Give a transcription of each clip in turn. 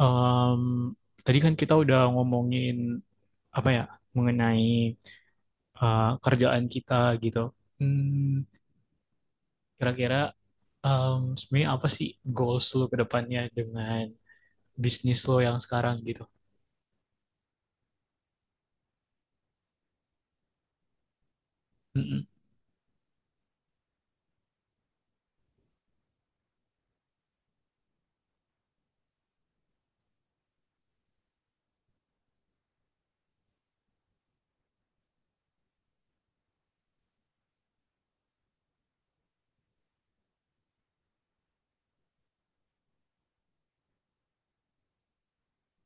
Em, tadi kan kita udah ngomongin apa ya mengenai kerjaan kita gitu. Hmm, kira-kira sebenarnya apa sih goals lo ke depannya dengan bisnis lo yang sekarang gitu? Mm-mm,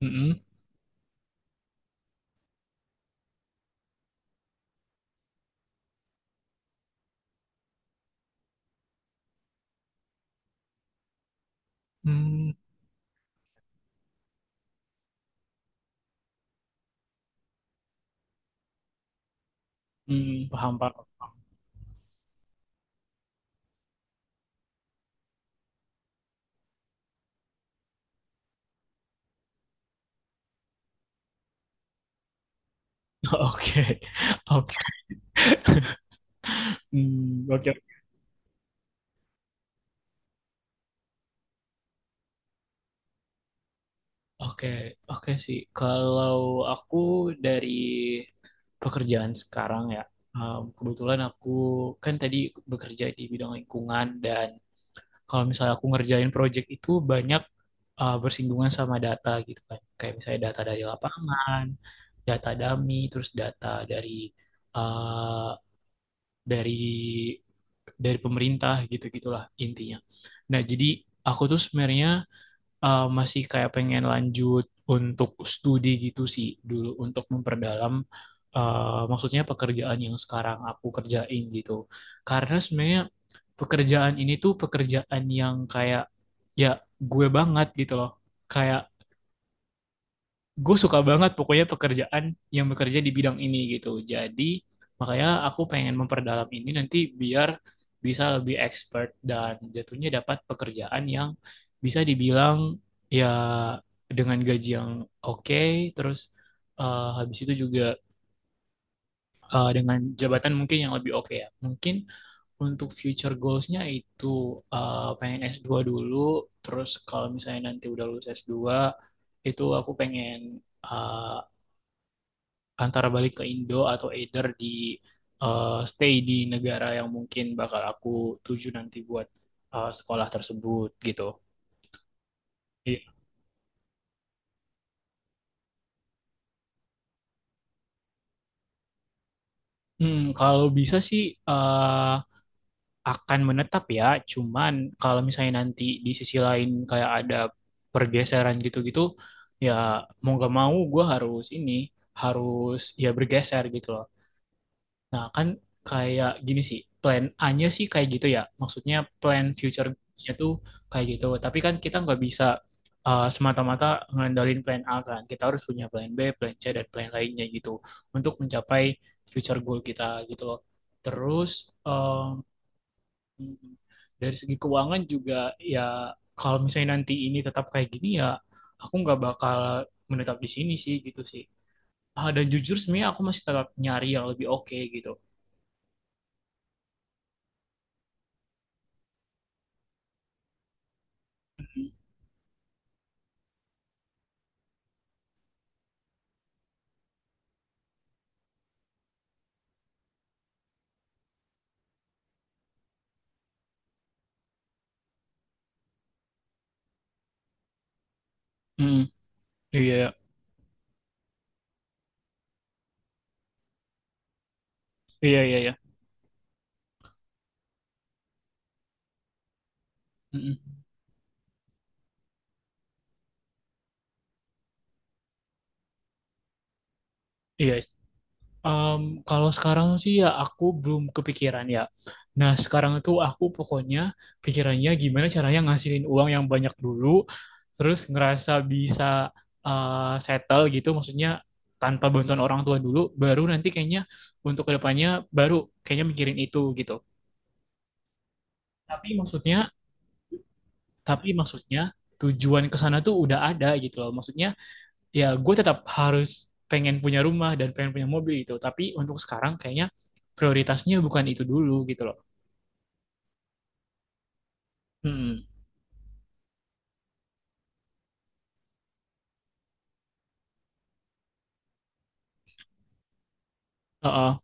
mm-mm, mm, mm, paham Pak. Oke, oke. Hmm, oke, oke, oke sih. Kalau aku dari pekerjaan sekarang ya. Kebetulan aku kan tadi bekerja di bidang lingkungan dan kalau misalnya aku ngerjain project itu banyak bersinggungan sama data gitu kan. Kayak misalnya data dari lapangan, data dummy, terus data dari uh, dari dari pemerintah gitu-gitulah intinya. Nah, jadi aku tuh sebenarnya masih kayak pengen lanjut untuk studi gitu sih dulu untuk memperdalam maksudnya pekerjaan yang sekarang aku kerjain gitu. Karena sebenarnya pekerjaan ini tuh pekerjaan yang kayak, ya, gue banget gitu loh. Kayak gue suka banget pokoknya pekerjaan yang bekerja di bidang ini gitu. Jadi makanya aku pengen memperdalam ini nanti biar bisa lebih expert dan jatuhnya dapat pekerjaan yang bisa dibilang, ya, dengan gaji yang oke, terus habis itu juga dengan jabatan mungkin yang lebih oke ya. Mungkin untuk future goals-nya itu pengen S2 dulu, terus kalau misalnya nanti udah lulus S2 itu aku pengen eh, antara balik ke Indo atau either di stay di negara yang mungkin bakal aku tuju nanti buat sekolah tersebut gitu. Iya. Kalau bisa sih eh, akan menetap ya, cuman kalau misalnya nanti di sisi lain kayak ada pergeseran gitu-gitu, ya mau gak mau gue harus ini, harus, ya, bergeser gitu loh. Nah, kan kayak gini sih, plan A-nya sih kayak gitu ya. Maksudnya plan future nya tuh kayak gitu. Tapi kan kita nggak bisa semata-mata ngandalin plan A kan. Kita harus punya plan B, plan C, dan plan lainnya gitu. Untuk mencapai future goal kita gitu loh. Terus um, dari segi keuangan juga, ya, kalau misalnya nanti ini tetap kayak gini, ya, aku nggak bakal menetap di sini sih gitu sih. Ah, dan jujur sebenarnya aku masih tetap nyari yang lebih oke gitu. Hmm. Iya, iya, iya, iya. Mm-mm. Iya. Em, kalau sekarang sih, ya, aku belum kepikiran ya. Nah, sekarang itu aku pokoknya pikirannya gimana caranya ngasilin uang yang banyak dulu, terus ngerasa bisa eh, settle gitu, maksudnya tanpa bantuan orang tua dulu, baru nanti kayaknya untuk kedepannya baru kayaknya mikirin itu gitu. Tapi maksudnya, tapi maksudnya, tujuan ke sana tuh udah ada gitu loh. Maksudnya, ya, gue tetap harus pengen punya rumah dan pengen punya mobil gitu. Tapi untuk sekarang kayaknya prioritasnya bukan itu dulu gitu loh. Hmm. Heeh.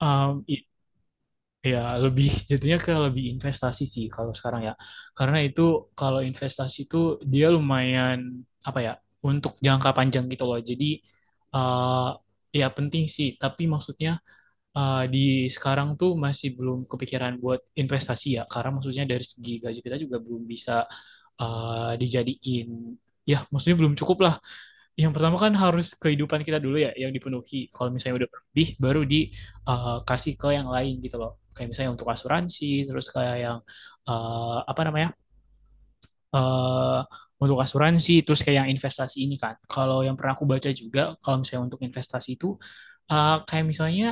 Um, i- ya, lebih jatuhnya ke lebih investasi sih kalau sekarang ya. Karena itu, kalau investasi itu, dia lumayan, apa ya, untuk jangka panjang gitu loh. Jadi eh ya penting sih. Tapi maksudnya di sekarang tuh masih belum kepikiran buat investasi ya. Karena maksudnya dari segi gaji kita juga belum bisa dijadiin, ya maksudnya belum cukup lah. Yang pertama kan harus kehidupan kita dulu ya yang dipenuhi, kalau misalnya udah berlebih baru dikasih ke yang lain gitu loh, kayak misalnya untuk asuransi, terus kayak yang apa namanya, eh untuk asuransi, terus kayak yang investasi ini kan, kalau yang pernah aku baca juga kalau misalnya untuk investasi itu kayak misalnya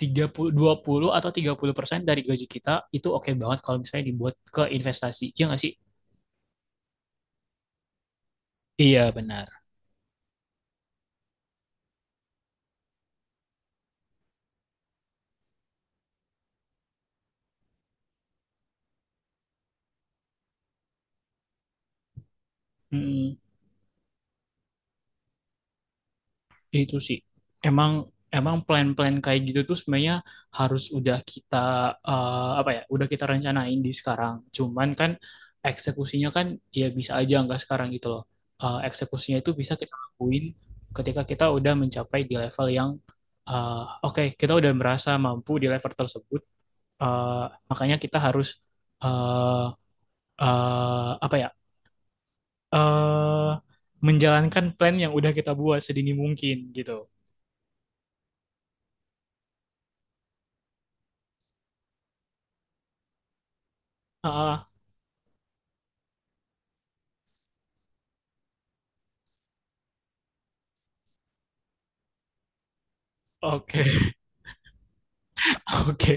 30, 20 atau 30% dari gaji kita itu oke banget kalau misalnya dibuat ke investasi. Iya nggak sih? Iya, benar. Mm, itu sih. Emang emang plan-plan kayak gitu tuh sebenarnya harus udah kita apa ya, udah kita rencanain di sekarang. Cuman kan eksekusinya kan, ya, bisa aja nggak sekarang gitu loh. Eksekusinya itu bisa kita lakuin ketika kita udah mencapai di level yang eh, oke, kita udah merasa mampu di level tersebut. Eh, makanya kita harus eh apa ya? eh Menjalankan plan yang udah kita buat sedini mungkin gitu. Heeh. Oke, oke,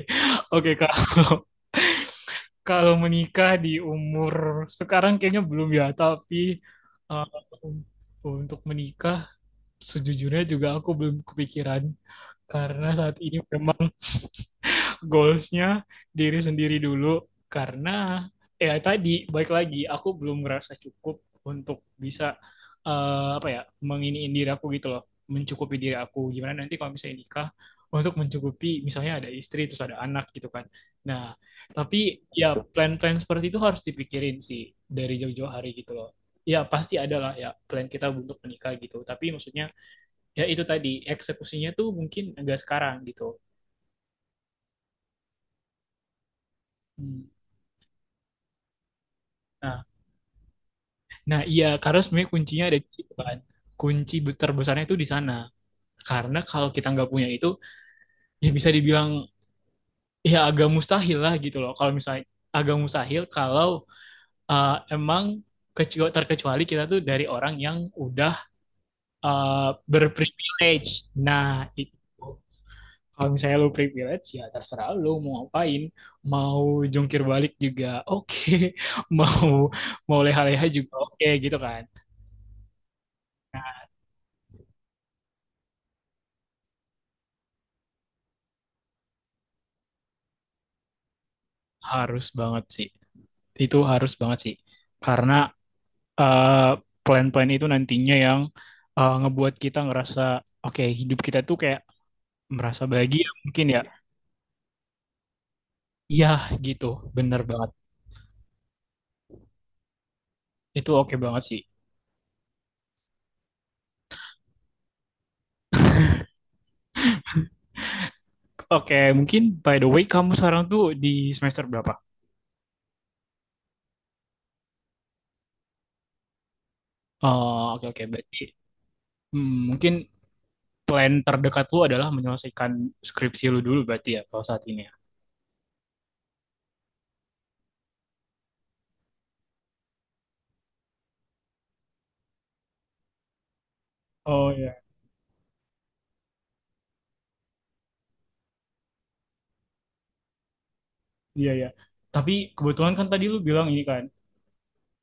oke. Kalau kalau menikah di umur sekarang kayaknya belum ya, tapi eh, untuk menikah, sejujurnya juga aku belum kepikiran karena saat ini memang goalsnya diri sendiri dulu, karena ya tadi, baik lagi aku belum merasa cukup untuk bisa apa ya, menginiin diri aku gitu loh, mencukupi diri aku gimana nanti kalau misalnya nikah, untuk mencukupi misalnya ada istri terus ada anak gitu kan. Nah, tapi, ya, plan-plan seperti itu harus dipikirin sih dari jauh-jauh hari gitu loh. Ya pasti ada lah ya plan kita untuk menikah gitu, tapi maksudnya ya itu tadi, eksekusinya tuh mungkin enggak sekarang gitu. Hmm. nah Nah, iya, karena sebenarnya kuncinya ada di situ kan. Kunci terbesarnya itu di sana. Karena kalau kita nggak punya itu, ya bisa dibilang, ya, agak mustahil lah gitu loh. Kalau misalnya agak mustahil kalau emang terkecuali kita tuh dari orang yang udah berprivilege. Nah, itu. Kalau misalnya lu privilege, ya terserah lu mau ngapain. Mau jungkir balik juga oke. Okay. Mau mau leha-leha juga oke okay, gitu kan. Harus banget sih. Itu harus banget sih. Karena eh, plan-plan itu nantinya yang ngebuat kita ngerasa oke, hidup kita tuh kayak merasa bahagia mungkin ya. Iya, gitu. Bener banget. Itu oke banget sih. Oke, mungkin by the way kamu sekarang tuh di semester berapa? Oh, oke oke. Berarti mungkin plan terdekat lu adalah menyelesaikan skripsi lu dulu berarti ya kalau saat ini ya. Oh ya, iya ya. Tapi kebetulan kan tadi lu bilang ini kan,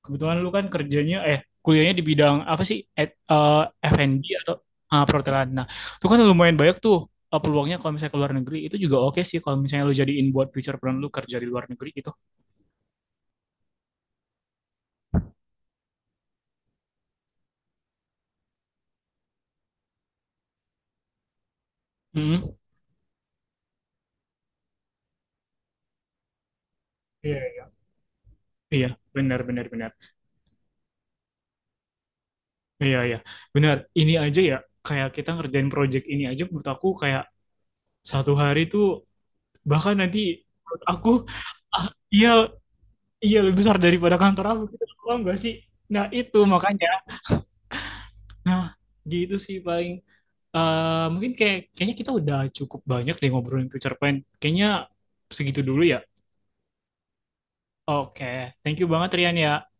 kebetulan lu kan kerjanya, eh, kuliahnya di bidang apa sih? F&B atau ah, perhotelan. Nah, itu kan lumayan banyak tuh peluangnya kalau misalnya ke luar negeri itu juga oke sih kalau misalnya lu jadiin buat future plan lu kerja di luar negeri gitu. Mm-mm. Iya, iya. Iya, benar benar benar. Iya, iya. Benar. Ini aja ya kayak kita ngerjain project ini aja menurut aku kayak satu hari tuh bahkan nanti menurut aku, ah, iya iya lebih besar daripada kantor aku gitu. Paham gak sih? Nah, itu makanya. Nah, gitu sih paling. Mungkin kayak kayaknya kita udah cukup banyak deh ngobrolin future plan. Kayaknya segitu dulu ya. Oke, okay. Thank you banget Rian ya.